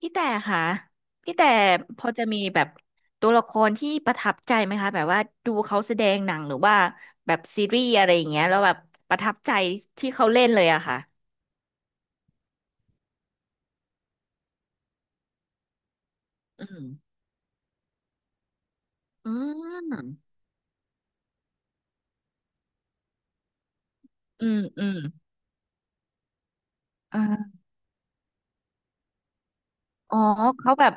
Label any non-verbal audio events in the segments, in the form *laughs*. พี่แต่ค่ะพี่แต่พอจะมีแบบตัวละครที่ประทับใจไหมคะแบบว่าดูเขาแสดงหนังหรือว่าแบบซีรีส์อะไรอย่างเงี้ยแล้วแบบประทับใจที่เขาเล่นเลยอะค่ะอืมอืมอืมอืมเอออ๋อเขาแบบ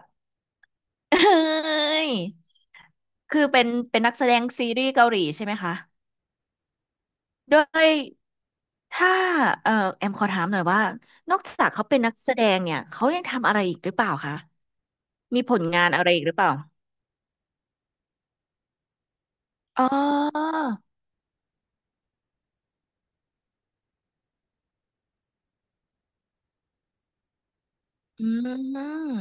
*laughs* เอ้ยคือเป็นนักแสดงซีรีส์เกาหลีใช่ไหมคะด้วยถ้าเออแอมขอถามหน่อยว่านอกจากเขาเป็นนักแสดงเนี่ยเขายังทำอะไรอีกหรือเปล่าคะมีผลงานอะไรอีกหรือเปล่า อ๋ออืม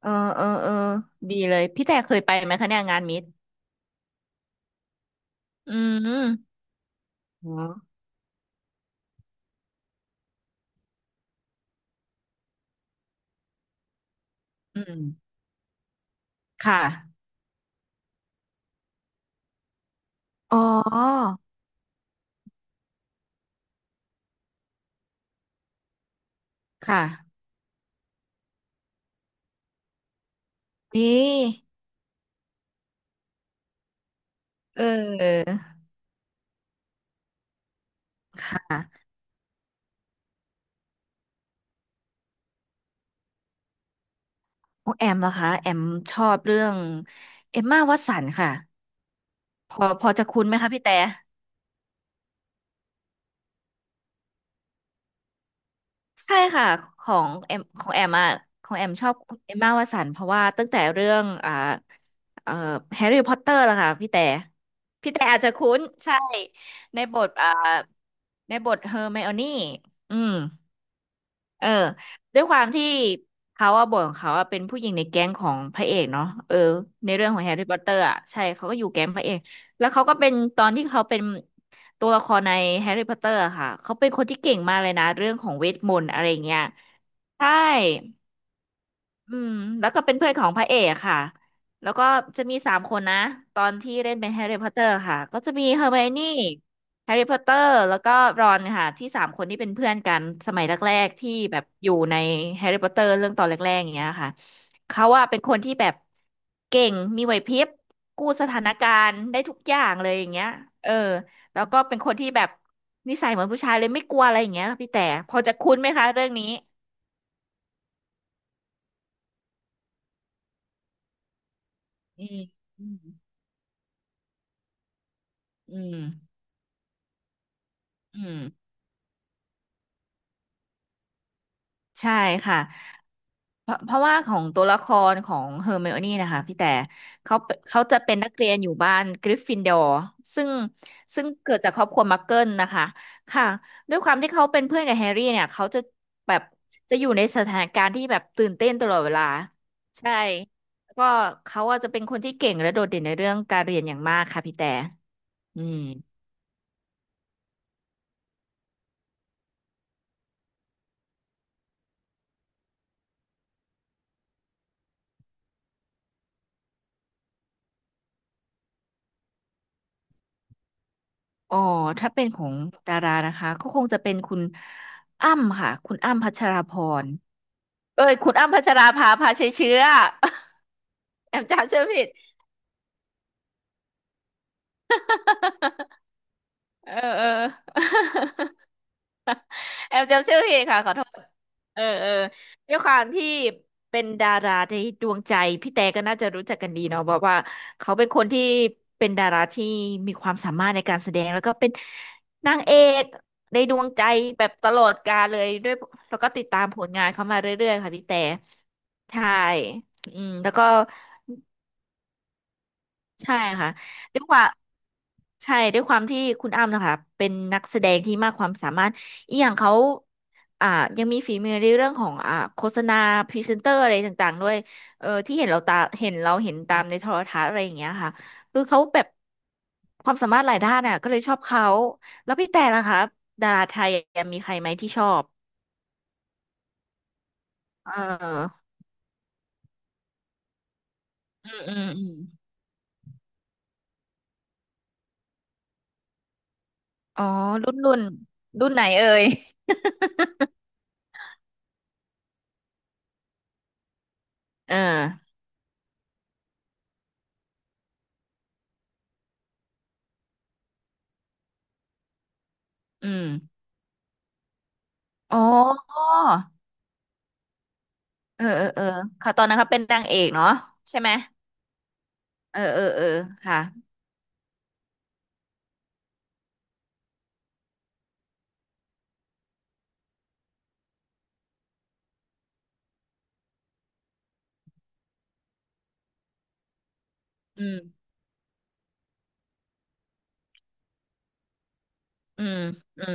เออเออเออ ดีเลย พี่แต่เคยไปไหมคะเนี่ยงานมิตรอืมอ๋ออืม ค่ะอ๋อค่ะนี่เออค่ะของแอมเหรอคะ แอมชอบเรื่องเอมม่าวัตสันค่ะพอจะคุ้นไหมคะพี่แต่ ใช่ค่ะของแอมของแอมอ่ะของแอมชอบเอมม่าวตสันเพราะว่าตั้งแต่เรื่องเอ่อแฮร์รี่พอตเตอร์ละค่ะพี่แต่พี่แต่อาจจะคุ้นใช่ในบทในบทเฮอร์ไมโอนี่อืม เออ ด้วยความที่เขาอะบทของเขาอะเป็นผู้หญิงในแก๊งของพระเอกเนาะเออ ในเรื่องของแฮร์รี่พอตเตอร์อะใช่เขาก็อยู่แก๊งพระเอก แล้วเขาก็เป็นตอนที่เขาเป็นตัวละครในแฮร์รี่พอตเตอร์อะค่ะ เขาเป็นคนที่เก่งมากเลยนะเรื่องของเวทมนต์อะไรอย่างเงี้ยใช่ อืมแล้วก็เป็นเพื่อนของพระเอกค่ะแล้วก็จะมีสามคนนะตอนที่เล่นเป็นแฮร์รี่พอตเตอร์ค่ะก็จะมีเฮอร์ไมโอนี่แฮร์รี่พอตเตอร์แล้วก็รอนค่ะที่สามคนที่เป็นเพื่อนกันสมัยแรกๆที่แบบอยู่ในแฮร์รี่พอตเตอร์เรื่องตอนแรกๆอย่างเงี้ยค่ะเขาว่าเป็นคนที่แบบเก่งมีไหวพริบกู้สถานการณ์ได้ทุกอย่างเลยอย่างเงี้ยเออแล้วก็เป็นคนที่แบบนิสัยเหมือนผู้ชายเลยไม่กลัวอะไรอย่างเงี้ยพี่แต่พอจะคุ้นไหมคะเรื่องนี้อืมอืมอืม อืมใช่ค่ะเพราะว่าของตัวละครของเฮอร์ไมโอนี่นะคะพี่แต่เขาจะเป็นนักเรียนอยู่บ้านกริฟฟินดอร์ซึ่งซึ่งเกิดจากครอบครัวมักเกิลนะคะค่ะด้วยความที่เขาเป็นเพื่อนกับแฮร์รี่เนี่ยเขาจะแบบจะอยู่ในสถานการณ์ที่แบบตื่นเต้นตลอดเวลาใช่แล้วก็เขาอาจจะเป็นคนที่เก่งและโดดเด่นในเรื่องการเรียนอย่างมากค่ะพี่แต่อืมอ๋อถ้าเป็นของดารานะคะก็คงจะเป็นคุณอ้ำค่ะคุณอ้ำพัชราภรณ์ เอ้ยคุณอ้ำพัชราภาพาชัยเชื้อ *laughs* แอมจำชื่อผิด *laughs* เออเออ *laughs* แอมจำชื่อผิดค่ะขอโทษเออเออด้วยความที่เป็นดาราในดวงใจพี่แต่ก็น่าจะรู้จักกันดีเนาะเพราะว่าเขาเป็นคนที่เป็นดาราที่มีความสามารถในการแสดงแล้วก็เป็นนางเอกในดวงใจแบบตลอดกาลเลยด้วยแล้วก็ติดตามผลงานเขามาเรื่อยๆค่ะพี่แต่ใช่อืมแล้วก็ ใช่ค่ะด้วยความใช่ด้วยความที่คุณอ้ำนะคะเป็นนักแสดงที่มากความสามารถอีกอย่างเขาอ่ายังมีฝีมือในเรื่องของโฆษณาพรีเซนเตอร์อะไรต่างๆด้วยเออที่เห็นเราตาเห็นเราเห็นตามในโทรทัศน์อะไรอย่างเงี้ยค่ะ คือเขาแบบความสามารถหลายด้านน่ะก็เลยชอบเขาแล้วพี่แต่ล่ะคะดาราไทยมีใครไหมที่ชอบ เอออืมอืมอืมอ๋อรุ่นรุ่นรุ่นไหนเอ่ยเอออืมอ๋อ เออเออเออเขาตอนนั้นเขาเป็นนางเอกเนาะใช่ไหมเออเออเออค่ะอืมอืมอืม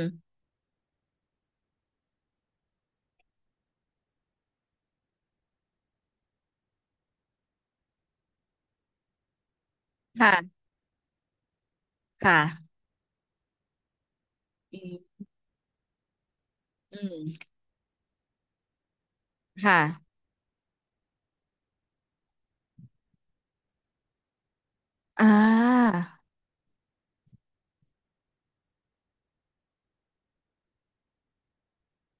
ค่ะค่ะอืมอืมค่ะอ่า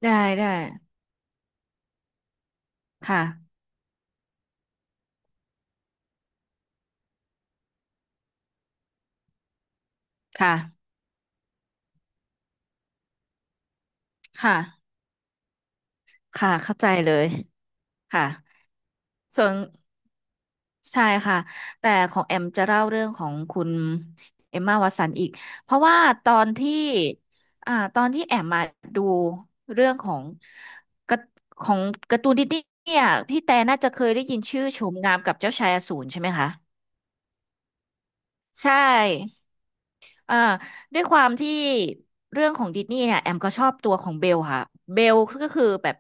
ได้ได้ค่ะค่ะค่ะค่ะเข้าใจเลยค่ะส่วน ใช่ค่ะแต่ของแอมจะเล่าเรื่องของคุณเอมมาวัตสันอีกเพราะว่าตอนที่ตอนที่แอมมาดูเรื่องของกระของการ์ตูนดิสนีย์เนี่ยพี่แต่น่าจะเคยได้ยินชื่อโฉมงามกับเจ้าชายอสูรใช่ไหมคะใช่เอ่อด้วยความที่เรื่องของดิสนีย์เนี่ยแอมก็ชอบตัวของเบลค่ะเบลก็คือแบบ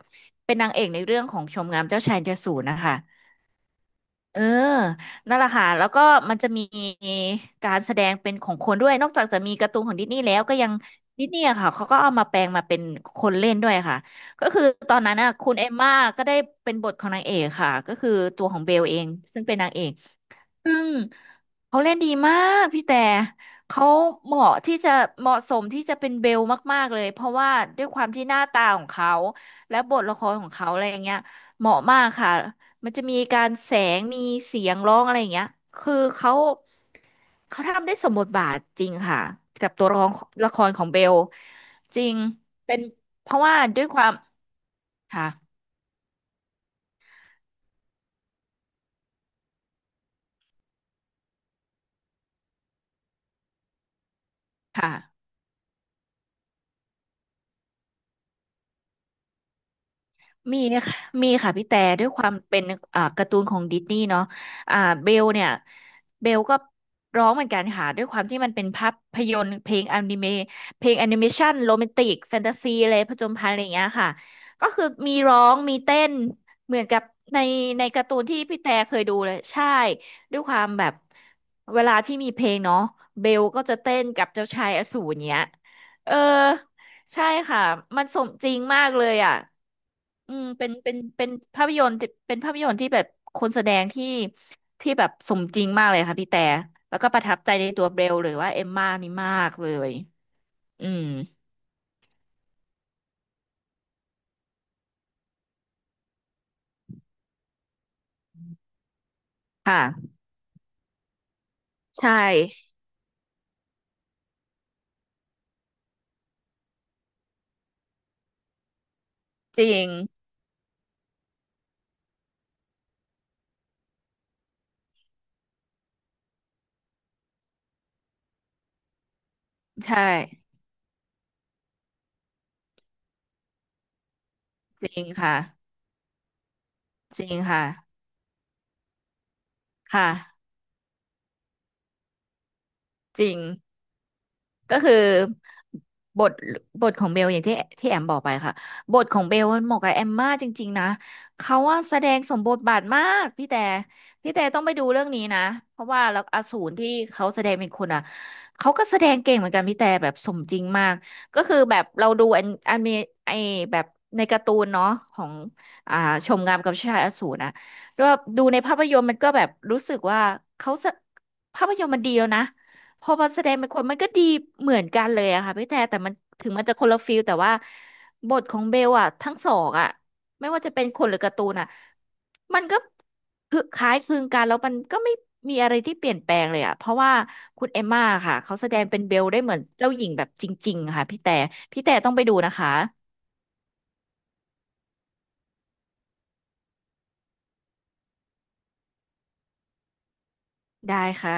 เป็นนางเอกในเรื่องของชมงามเจ้าชายอสูรนะคะ เออนั่นแหละค่ะ แล้วก็มันจะมีการแสดงเป็นของคนด้วย นอกจากจะมีการ์ตูนของดิสนีย์แล้วก็ยังดิสนีย์อะค่ะเขาก็เอามาแปลงมาเป็นคนเล่นด้วยค่ะก็คือตอนนั้นน่ะคุณเอมม่าก็ได้เป็นบทของนางเอกค่ะ ก็คือตัวของเบลเองซึ่งเป็นนางเอก ซึ่งเขาเล่นดีมากพี่แต่เขาเหมาะที่จะเหมาะสมที่จะเป็นเบลมากๆเลยเพราะว่าด้วยความที่หน้าตาของเขาและบทละครของเขาอะไรอย่างเงี้ยเหมาะมากค่ะมันจะมีการแสงมีเสียงร้องอะไรอย่างเงี้ยคือเขาทำได้สมบทบาทจริงค่ะกับตัวละครละครของเบลจริงเป็นเพราะว่าด้วยความค่ะค่ะ มีค่ะมีค่ะพี่แต่ด้วยความเป็นการ์ตูนของดิสนีย์เนาะอ่าเบลเนี่ยเบลก็ร้องเหมือนกันค่ะด้วยความที่มันเป็นภาพยนตร์เพลงอนิเมะเพลงแอนิเมชันโรแมนติกแฟนตาซีอะไรผจญภัยอะไรอย่างเงี้ยค่ะก็คือมีร้องมีเต้นเหมือนกับในในการ์ตูนที่พี่แต่เคยดูเลยใช่ด้วยความแบบเวลาที่มีเพลงเนาะเบลก็จะเต้นกับเจ้าชายอสูรเนี้ยเออ ใช่ค่ะมันสมจริงมากเลยอ่ะอืมเป็นภาพยนตร์ที่เป็นภาพยนตร์ที่แบบคนแสดงที่แบบสมจริงมากเลยค่ะพี่แต่แล้วก็ประทับใจในตัวเบลหรือว่าเอมม่านี่มากเลยอืมค่ะ ใช่จริง ใช่จริงค่ะจริงค่ะค่ะจริง ก็คือบทบทของเบลอย่างที่ที่แอมบอกไปค่ะบทของเบลมันเหมาะกับแอมมากจริงๆนะเขาว่าแสดงสมบทบาทมากพี่แต่พี่แต่ต้องไปดูเรื่องนี้นะเพราะว่าแล้วอสูรที่เขาแสดงเป็นคนอ่ะเขาก็แสดงเก่งเหมือนกันพี่แต่แบบสมจริงมากก็คือแบบเราดูอันอันมีไอแบบในการ์ตูนเนาะของอ่าชมงามกับชายอสูรนะด้วยดูในภาพยนตร์มันก็แบบรู้สึกว่าเขาสะภาพยนตร์มันดีแล้วนะ พอมันแสดงเป็นคนมันก็ดีเหมือนกันเลยอะค่ะพี่แต่แต่มันถึงมันจะคนละฟิลแต่ว่าบทของเบลอะทั้งสองอะไม่ว่าจะเป็นคนหรือการ์ตูนอะมันก็คือคล้ายคลึงกันแล้วมันก็ไม่มีอะไรที่เปลี่ยนแปลงเลยอะเพราะว่าคุณเอมม่าค่ะเขาแสดงเป็นเบลได้เหมือนเจ้าหญิงแบบจริงๆค่ะพี่แต่พี่แต่ต้องไปดูนะคะได้ค่ะ